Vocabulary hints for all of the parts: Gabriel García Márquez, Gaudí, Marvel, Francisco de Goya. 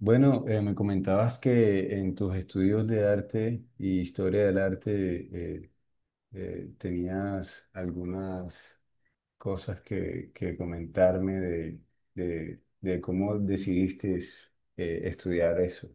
Bueno, me comentabas que en tus estudios de arte y historia del arte tenías algunas cosas que comentarme de cómo decidiste estudiar eso.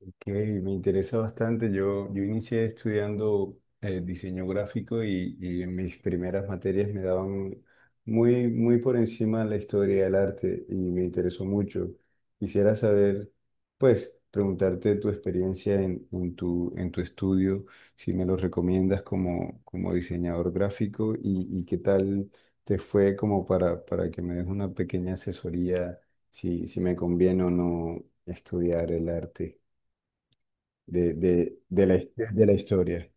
Ok, me interesa bastante. Yo inicié estudiando diseño gráfico y en mis primeras materias me daban muy por encima la historia del arte y me interesó mucho. Quisiera saber, pues, preguntarte tu experiencia en tu estudio, si me lo recomiendas como, como diseñador gráfico y qué tal te fue como para que me des una pequeña asesoría si me conviene o no estudiar el arte de la, de la historia.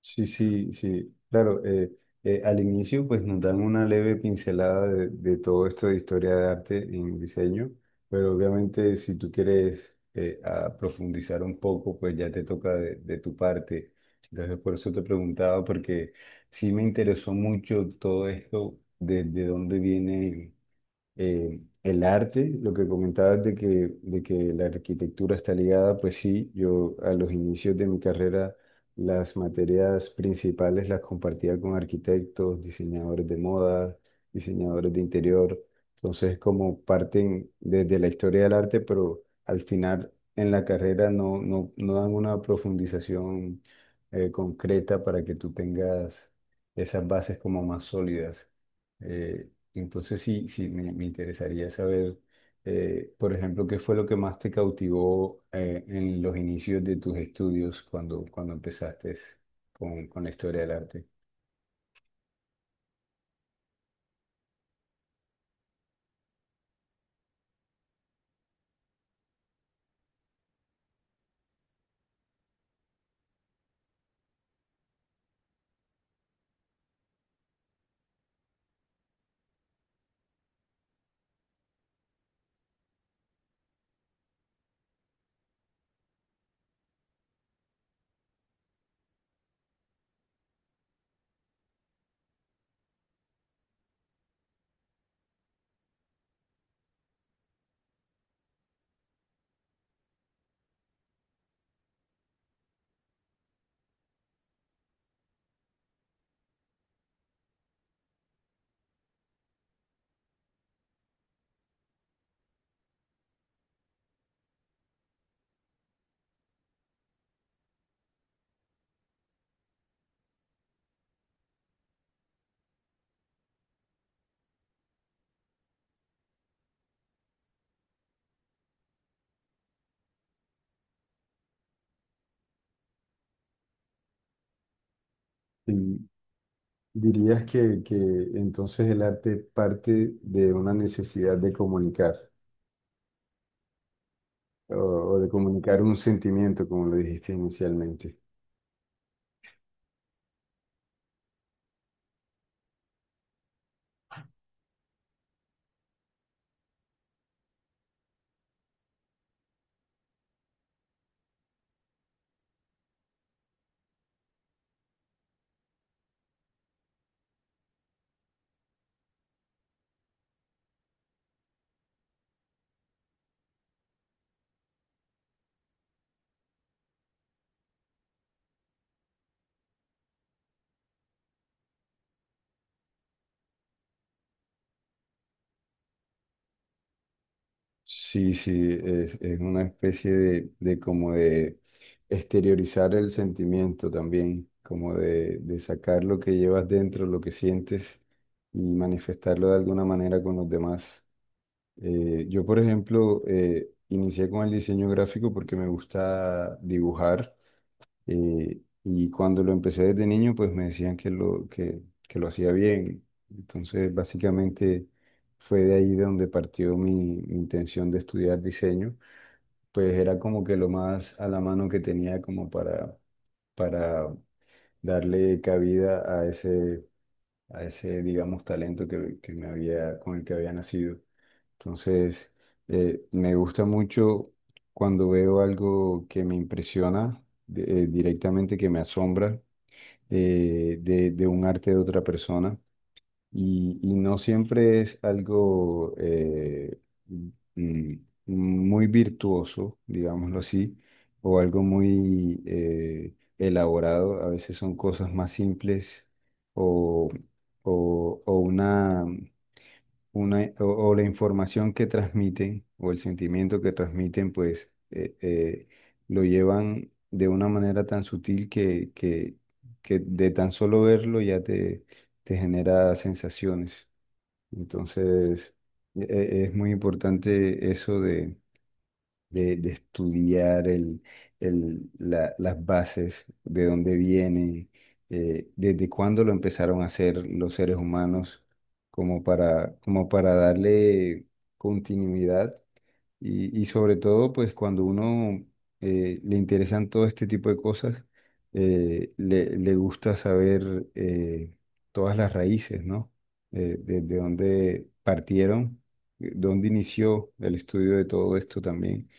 Sí, sí, sí. Claro, al inicio pues nos dan una leve pincelada de todo esto de historia de arte en diseño, pero obviamente si tú quieres a profundizar un poco, pues ya te toca de tu parte. Entonces por eso te preguntaba, porque sí me interesó mucho todo esto, de dónde viene. El arte, lo que comentabas de que la arquitectura está ligada, pues sí, yo a los inicios de mi carrera las materias principales las compartía con arquitectos, diseñadores de moda, diseñadores de interior, entonces como parten desde la historia del arte, pero al final en la carrera no dan una profundización concreta para que tú tengas esas bases como más sólidas. Eh, entonces sí, sí, me interesaría saber, por ejemplo, qué fue lo que más te cautivó en los inicios de tus estudios cuando empezaste con la historia del arte. Y dirías que entonces el arte parte de una necesidad de comunicar o, o de comunicar un sentimiento, como lo dijiste inicialmente. Sí, sí, es una especie de exteriorizar el sentimiento también, como de sacar lo que llevas dentro, lo que sientes y manifestarlo de alguna manera con los demás. Yo, por ejemplo, inicié con el diseño gráfico porque me gusta dibujar y cuando lo empecé desde niño, pues me decían que que lo hacía bien. Entonces, básicamente fue de ahí de donde partió mi intención de estudiar diseño. Pues era como que lo más a la mano que tenía como para darle cabida a a ese, digamos, talento que me había, con el que había nacido. Entonces, me gusta mucho cuando veo algo que me impresiona, directamente que me asombra de un arte de otra persona y no siempre es algo mm, muy virtuoso, digámoslo así, o algo muy elaborado. A veces son cosas más simples o, o, o una o la información que transmiten o el sentimiento que transmiten, pues lo llevan de una manera tan sutil que de tan solo verlo ya te genera sensaciones. Entonces, es muy importante eso de estudiar las bases, de dónde viene, desde cuándo lo empezaron a hacer los seres humanos, como para, como para darle continuidad y sobre todo, pues cuando uno le interesan todo este tipo de cosas, le gusta saber todas las raíces, ¿no? Desde dónde partieron, dónde inició el estudio de todo esto también.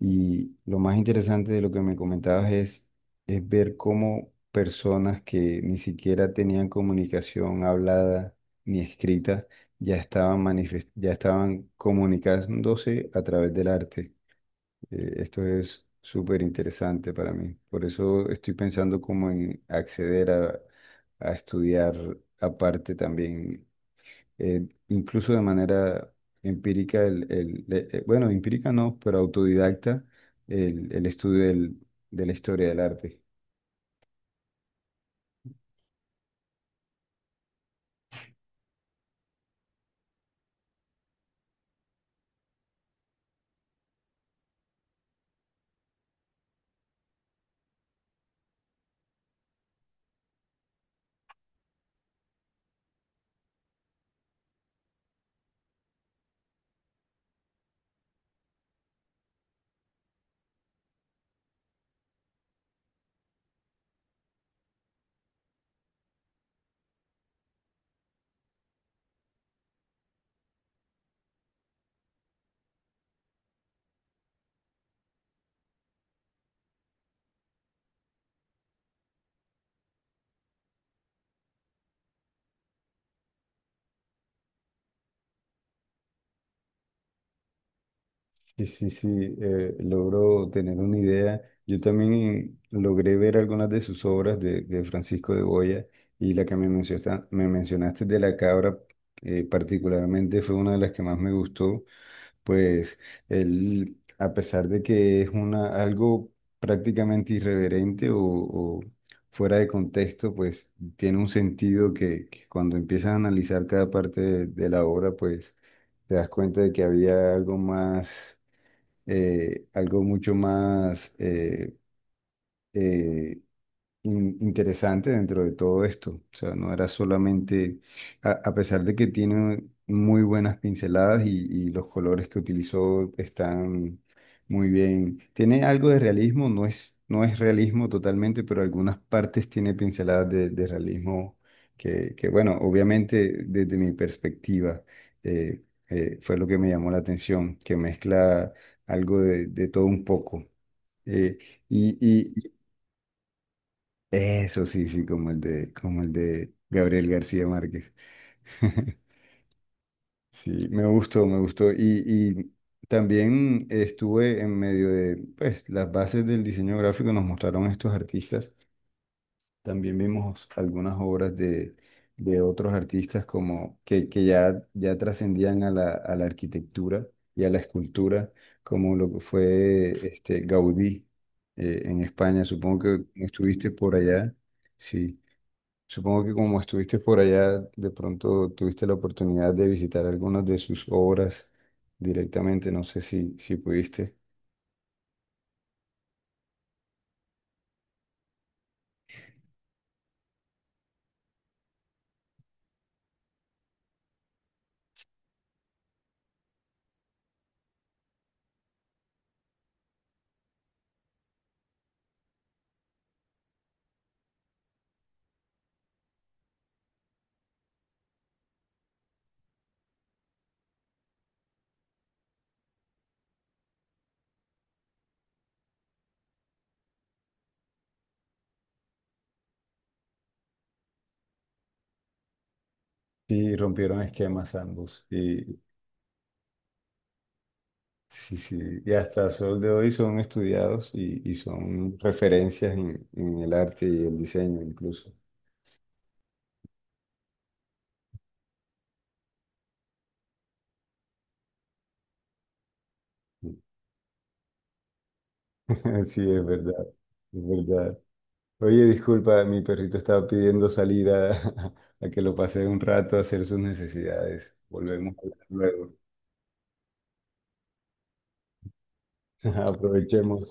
Y lo más interesante de lo que me comentabas es ver cómo personas que ni siquiera tenían comunicación hablada ni escrita ya ya estaban comunicándose a través del arte. Esto es súper interesante para mí. Por eso estoy pensando como en acceder a estudiar aparte también incluso de manera empírica, bueno, empírica no, pero autodidacta, el estudio de la historia del arte. Sí, sí, sí, logro tener una idea. Yo también logré ver algunas de sus obras de Francisco de Goya y la que me me mencionaste de la cabra, particularmente fue una de las que más me gustó, pues él, a pesar de que es una, algo prácticamente irreverente o fuera de contexto, pues tiene un sentido que cuando empiezas a analizar cada parte de la obra, pues te das cuenta de que había algo más algo mucho más eh, interesante dentro de todo esto. O sea, no era solamente, a pesar de que tiene muy buenas pinceladas y los colores que utilizó están muy bien. Tiene algo de realismo, no es realismo totalmente, pero algunas partes tiene pinceladas de realismo bueno, obviamente desde mi perspectiva eh, fue lo que me llamó la atención, que mezcla algo de todo un poco. Eh, y, eso sí, sí, como el de Gabriel García Márquez. Sí, me gustó, me gustó. Y también estuve en medio de, pues, las bases del diseño gráfico nos mostraron estos artistas. También vimos algunas obras de otros artistas como que ya trascendían a a la arquitectura y a la escultura, como lo que fue este, Gaudí en España. Supongo que estuviste por allá. Sí. Supongo que como estuviste por allá, de pronto tuviste la oportunidad de visitar algunas de sus obras directamente. No sé si pudiste. Sí, rompieron esquemas ambos. Sí, sí, y hasta sol de hoy son estudiados y son referencias en el arte y el diseño incluso. Sí, es verdad, es verdad. Oye, disculpa, mi perrito estaba pidiendo salir a, a que lo pase un rato a hacer sus necesidades. Volvemos a hablar luego. Aprovechemos.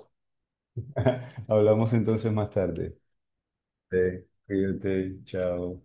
Hablamos entonces más tarde. Sí, cuídate, chao.